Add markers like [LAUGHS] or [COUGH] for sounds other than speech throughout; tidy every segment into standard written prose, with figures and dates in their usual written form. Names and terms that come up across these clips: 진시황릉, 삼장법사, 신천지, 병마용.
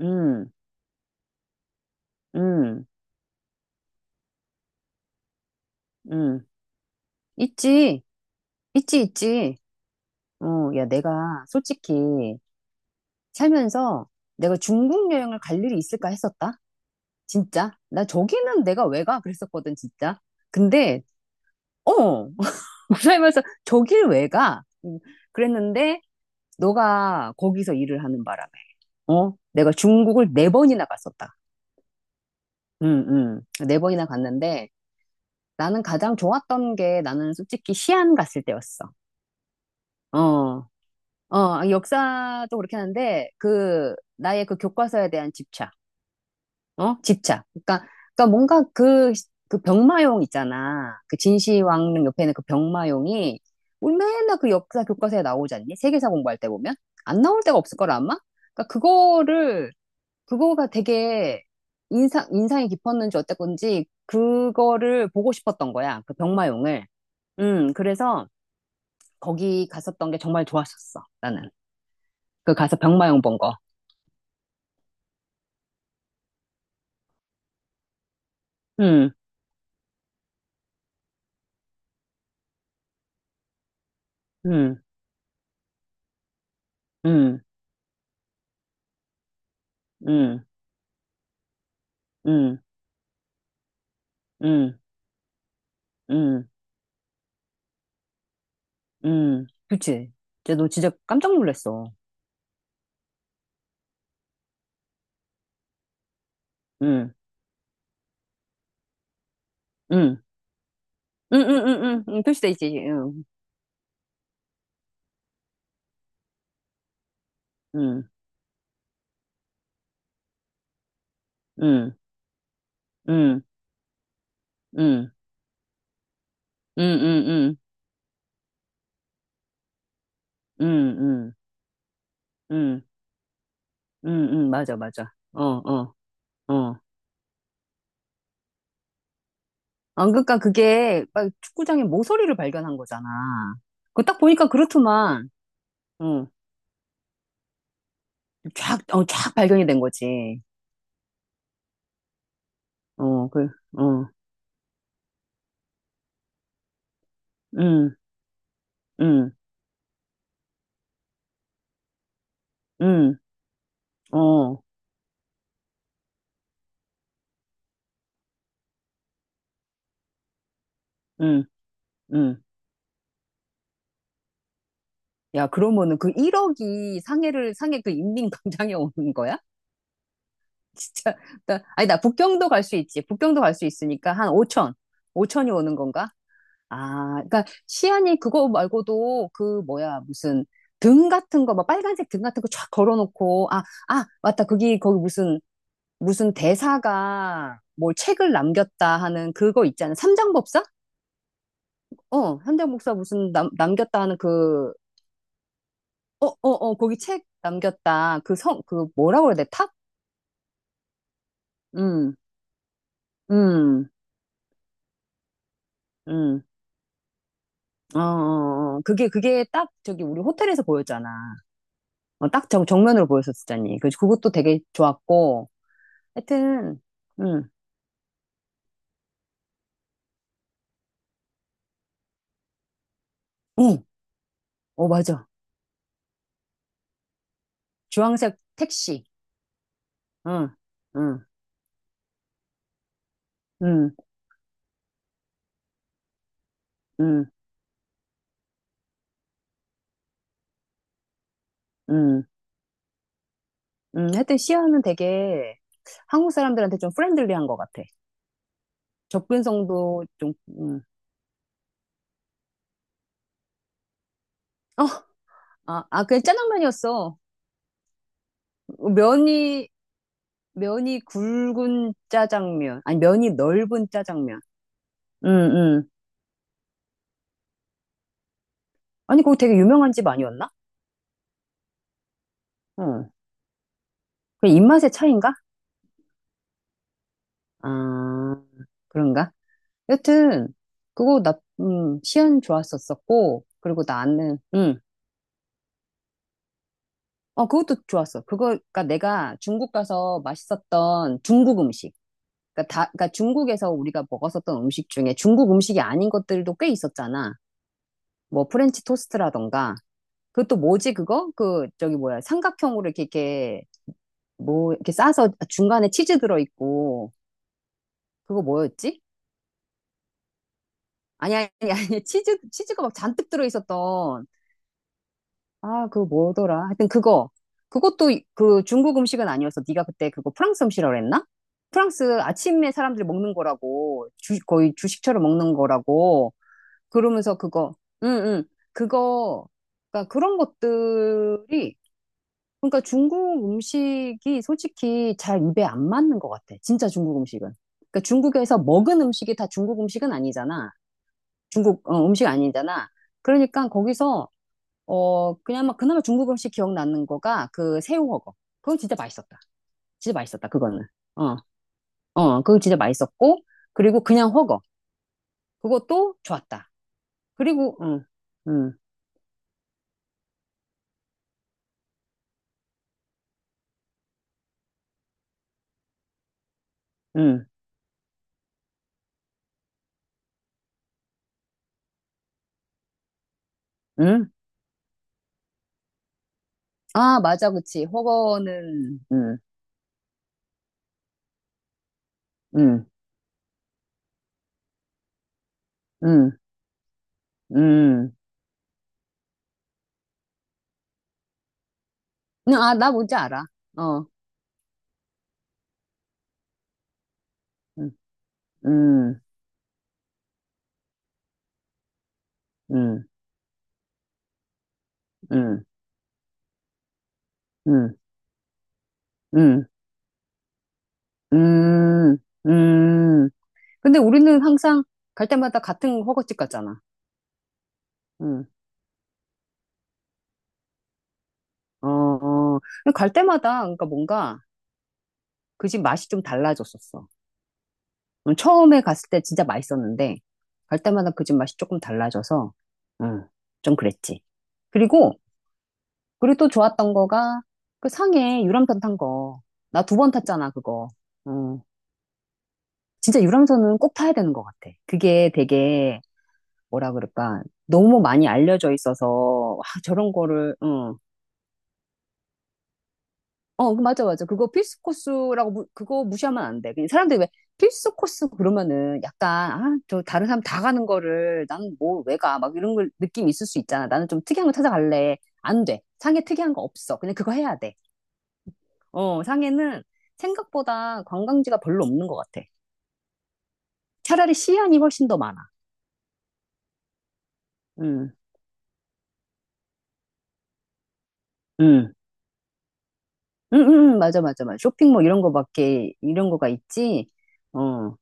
음, 음, 음. 있지, 있지, 있지. 어, 야, 내가 솔직히 살면서 내가 중국 여행을 갈 일이 있을까 했었다. 진짜. 나 저기는 내가 왜 가? 그랬었거든, 진짜. 근데, 어, [LAUGHS] 살면서 저길 왜 가? 그랬는데, 너가 거기서 일을 하는 바람에, 어? 내가 중국을 네 번이나 갔었다. 응, 응, 네 번이나 갔는데, 나는 가장 좋았던 게 나는 솔직히 시안 갔을 때였어. 어. 어, 아, 역사도 그렇게 하는데, 그, 나의 그 교과서에 대한 집착, 어? 집착. 그러니까 뭔가 그 병마용 있잖아. 그 진시황릉 옆에 있는 그 병마용이, 우리 맨날 그 역사 교과서에 나오지 않니? 세계사 공부할 때 보면? 안 나올 때가 없을 거라, 아마? 그러니까 그거를, 그거가 되게 인상이 깊었는지 어땠건지, 그거를 보고 싶었던 거야. 그 병마용을. 그래서 거기 갔었던 게 정말 좋았었어, 나는. 그 가서 병마용 본 거. 응, 응, 응, 응, 응, 응, 응, 응. 그치. 진짜 너 진짜 깜짝 놀랐어. 응, 응, 응, 응, 응, 응, 응. 표시돼 있지. 응, 응, 응, 응, 응, 응, 응, 응, 응, 응, 응, 응, 맞아, 맞아. 어, 어, 어. 아, 그러니까 그게 막 축구장에 모서리를 발견한 거잖아. 그거 딱 보니까 그렇더만. 어, 쫙, 어, 쫙 발견이 된 거지. 어, 그, 어, 응, 응, 응. 어, 응, 응. 야, 그러면은 그 1억이 상해 그 인민광장에 [LAUGHS] 오는 거야? 진짜, 나, 아니, 나 북경도 갈 수 있지. 북경도 갈 수 있으니까 한 5천. 5천이 오는 건가? 아, 그러니까 시안이 그거 말고도 그 뭐야, 무슨 등 같은 거, 막 빨간색 등 같은 거 쫙 걸어놓고, 아, 아, 맞다. 거기 무슨 대사가 뭘 책을 남겼다 하는 그거 있잖아. 삼장법사? 어, 삼장법사 무슨 남겼다 하는 그 어, 어, 어, 거기 책 남겼다. 그 성, 그 뭐라고 그래야 돼? 탁? 음, 음, 음. 어, 어, 어. 그게 딱 저기 우리 호텔에서 보였잖아. 어, 딱 정, 정면으로 보였었잖니. 그것도 되게 좋았고. 하여튼, 음, 응, 어, 맞아. 주황색 택시. 응, 응, 응, 응, 응, 응. 하여튼 시아는 되게 한국 사람들한테 좀 프렌들리한 것 같아. 접근성도 좀, 음. 어, 아, 아, 그냥 짜장면이었어. 면이, 면이 굵은 짜장면. 아니, 면이 넓은 짜장면. 응, 응. 아니, 그거 되게 유명한 집 아니었나? 응. 그 입맛의 차이인가? 아, 그런가? 여튼, 그거 나, 시연 좋았었었고, 그리고 나는, 응. 어, 그것도 좋았어. 그거, 그니까 내가 중국 가서 맛있었던 중국 음식. 그니까 다, 그니까 중국에서 우리가 먹었었던 음식 중에 중국 음식이 아닌 것들도 꽤 있었잖아. 뭐, 프렌치 토스트라던가. 그것도 뭐지 그거? 그 저기 뭐야 삼각형으로 이렇게 이렇게 뭐 이렇게 싸서 중간에 치즈 들어 있고 그거 뭐였지? 아니 아니 아니 치즈가 막 잔뜩 들어 있었던 아 그거 뭐더라? 하여튼 그거 그것도 그 중국 음식은 아니어서 네가 그때 그거 프랑스 음식이라고 그랬나? 프랑스 아침에 사람들이 먹는 거라고 주 거의 주식처럼 먹는 거라고 그러면서 그거 응응 그거 그러니까 그런 것들이 그러니까 중국 음식이 솔직히 잘 입에 안 맞는 것 같아. 진짜 중국 음식은. 그러니까 중국에서 먹은 음식이 다 중국 음식은 아니잖아. 중국 음식 아니잖아. 그러니까 거기서 그냥 막 그나마 중국 음식 기억나는 거가 그 새우훠궈. 그건 진짜 맛있었다. 진짜 맛있었다. 그거는. 어, 어, 그거 진짜 맛있었고 그리고 그냥훠궈. 그것도 좋았다. 그리고 응, 응, 응, 응. 아 맞아, 그치.훠궈는 응, 응, 응, 응. 응, 아, 나 뭔지 알아. 어, 음, 음, 음, 음, 음, 음, 음, 음. 근데 우리는 항상 갈 때마다 같은 허거집 갔잖아. 음, 어, 어. 근데 갈 때마다, 그러니까 뭔가 그 집 맛이 좀 달라졌었어. 처음에 갔을 때 진짜 맛있었는데, 갈 때마다 그 집 맛이 조금 달라져서, 음, 좀 그랬지. 그리고, 그리고 또 좋았던 거가 그 상해 유람선 탄 거. 나 두 번 탔잖아, 그거. 응. 진짜 유람선은 꼭 타야 되는 것 같아. 그게 되게, 뭐라 그럴까. 너무 많이 알려져 있어서, 와, 저런 거를, 응. 어, 그 맞아, 맞아. 그거 필수 코스라고, 그거 무시하면 안 돼. 그냥 사람들이 왜 필수 코스 그러면은 약간, 아, 저 다른 사람 다 가는 거를 나는 뭐, 왜 가? 막 이런 걸 느낌 있을 수 있잖아. 나는 좀 특이한 거 찾아갈래. 안 돼. 상해 특이한 거 없어. 그냥 그거 해야 돼. 어, 상해는 생각보다 관광지가 별로 없는 것 같아. 차라리 시안이 훨씬 더 많아. 음, 음. 응, 응, 응, 맞아, 맞아, 맞아. 쇼핑 뭐 이런 거밖에, 이런 거가 있지? 어,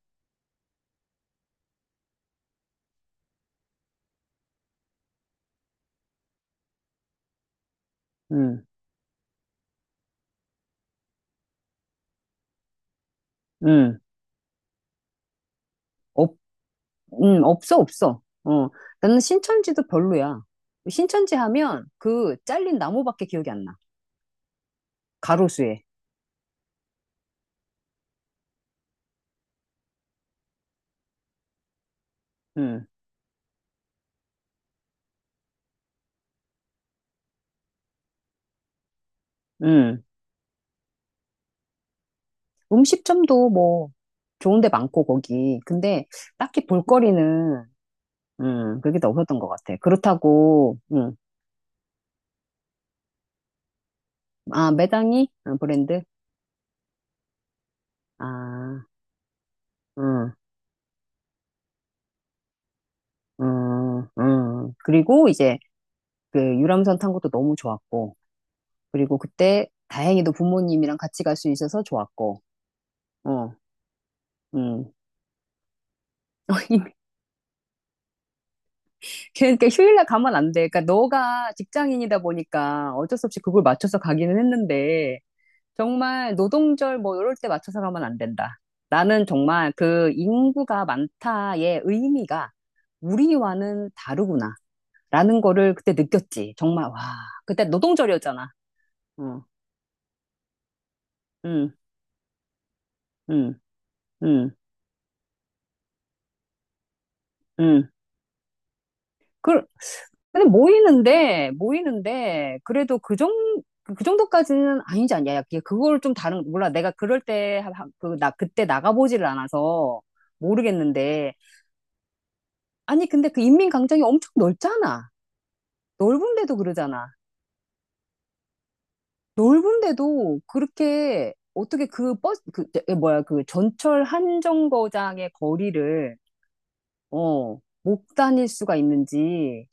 응, 응. 없, 응, 없어, 없어. 어, 나는 신천지도 별로야. 신천지 하면 그 잘린 나무밖에 기억이 안 나. 가로수에. 응, 응. 음식점도 뭐 좋은 데 많고, 거기. 근데 딱히 볼거리는, 응, 그게 더 없었던 것 같아. 그렇다고, 응. 아, 매당이? 어, 브랜드? 아, 응, 응, 응. 그리고 이제, 그 유람선 탄 것도 너무 좋았고, 그리고 그때 다행히도 부모님이랑 같이 갈 수 있어서 좋았고, 어, 음. [LAUGHS] 그러니까 휴일날 가면 안 돼. 그러니까 너가 직장인이다 보니까 어쩔 수 없이 그걸 맞춰서 가기는 했는데, 정말 노동절 뭐 이럴 때 맞춰서 가면 안 된다. 나는 정말 그 인구가 많다의 의미가 우리와는 다르구나. 라는 거를 그때 느꼈지. 정말, 와. 그때 노동절이었잖아. 응, 응, 응, 응, 응. 그, 근데 모이는데, 그래도 그 정, 그 정도까지는 아니지 않냐. 야, 그걸 좀 다른, 몰라. 내가 그럴 때, 그, 나, 그때 나가보지를 않아서 모르겠는데. 아니, 근데 그 인민광장이 엄청 넓잖아. 넓은데도 그러잖아. 넓은데도 그렇게, 어떻게 그 버스, 그, 저, 그 뭐야, 그 전철 한 정거장의 거리를, 어, 못 다닐 수가 있는지.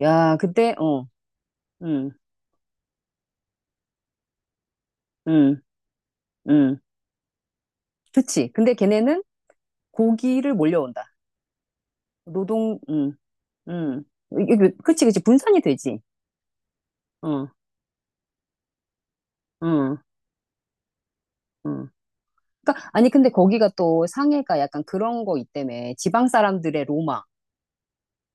야, 그때, 어, 응, 응, 응. 그치. 근데 걔네는 고기를 몰려온다. 노동, 음. 그, 그치, 그치. 분산이 되지. 응, 응, 응. 그러니까, 아니, 근데 거기가 또 상해가 약간 그런 거 있다며. 지방 사람들의 로마.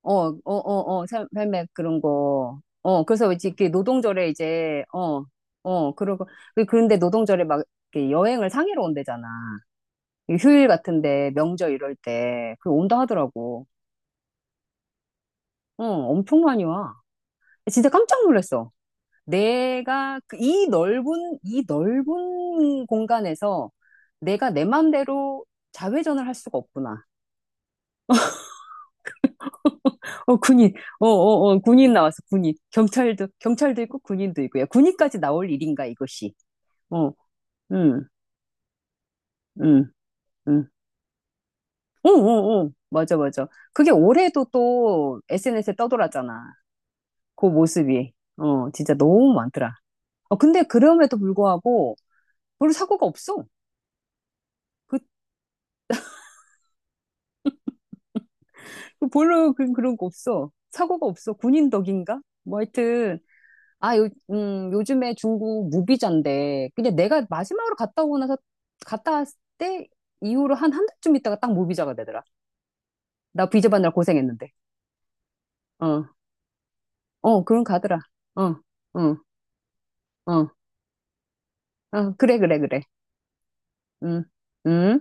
어, 어, 어, 어, 삶의 그런 거. 어, 그래서 이제 이렇게 노동절에 이제, 어, 어, 그러고. 그런데 노동절에 막 이렇게 여행을 상해로 온대잖아. 이 휴일 같은데, 명절 이럴 때. 그 온다 하더라고. 어, 엄청 많이 와. 진짜 깜짝 놀랐어. 내가 그이 넓은 이 넓은 공간에서 내가 내 맘대로 자회전을 할 수가 없구나. 어 군인, 어 어 어 군인 나왔어 군인. 경찰도 있고 군인도 있고 야 군인까지 나올 일인가 이것이. 어, 음, 음, 음. 어, 어, 어, 맞아, 맞아. 그게 올해도 또 SNS에 떠돌았잖아. 그 모습이. 어, 진짜 너무 많더라. 어, 근데 그럼에도 불구하고 별로 사고가 없어. 그 별로 그런 거 없어. 사고가 없어. 군인 덕인가? 뭐 하여튼, 아, 요즘에 중국 무비자인데, 그냥 내가 마지막으로 갔다 오고 나서, 갔다 왔을 때 이후로 한 한 달쯤 있다가 딱 무비자가 되더라. 나 비자 받느라 고생했는데. 어, 어, 그런 가더라. 어, 어, 어, 어, 그래, 그래, 그래. 응, 응.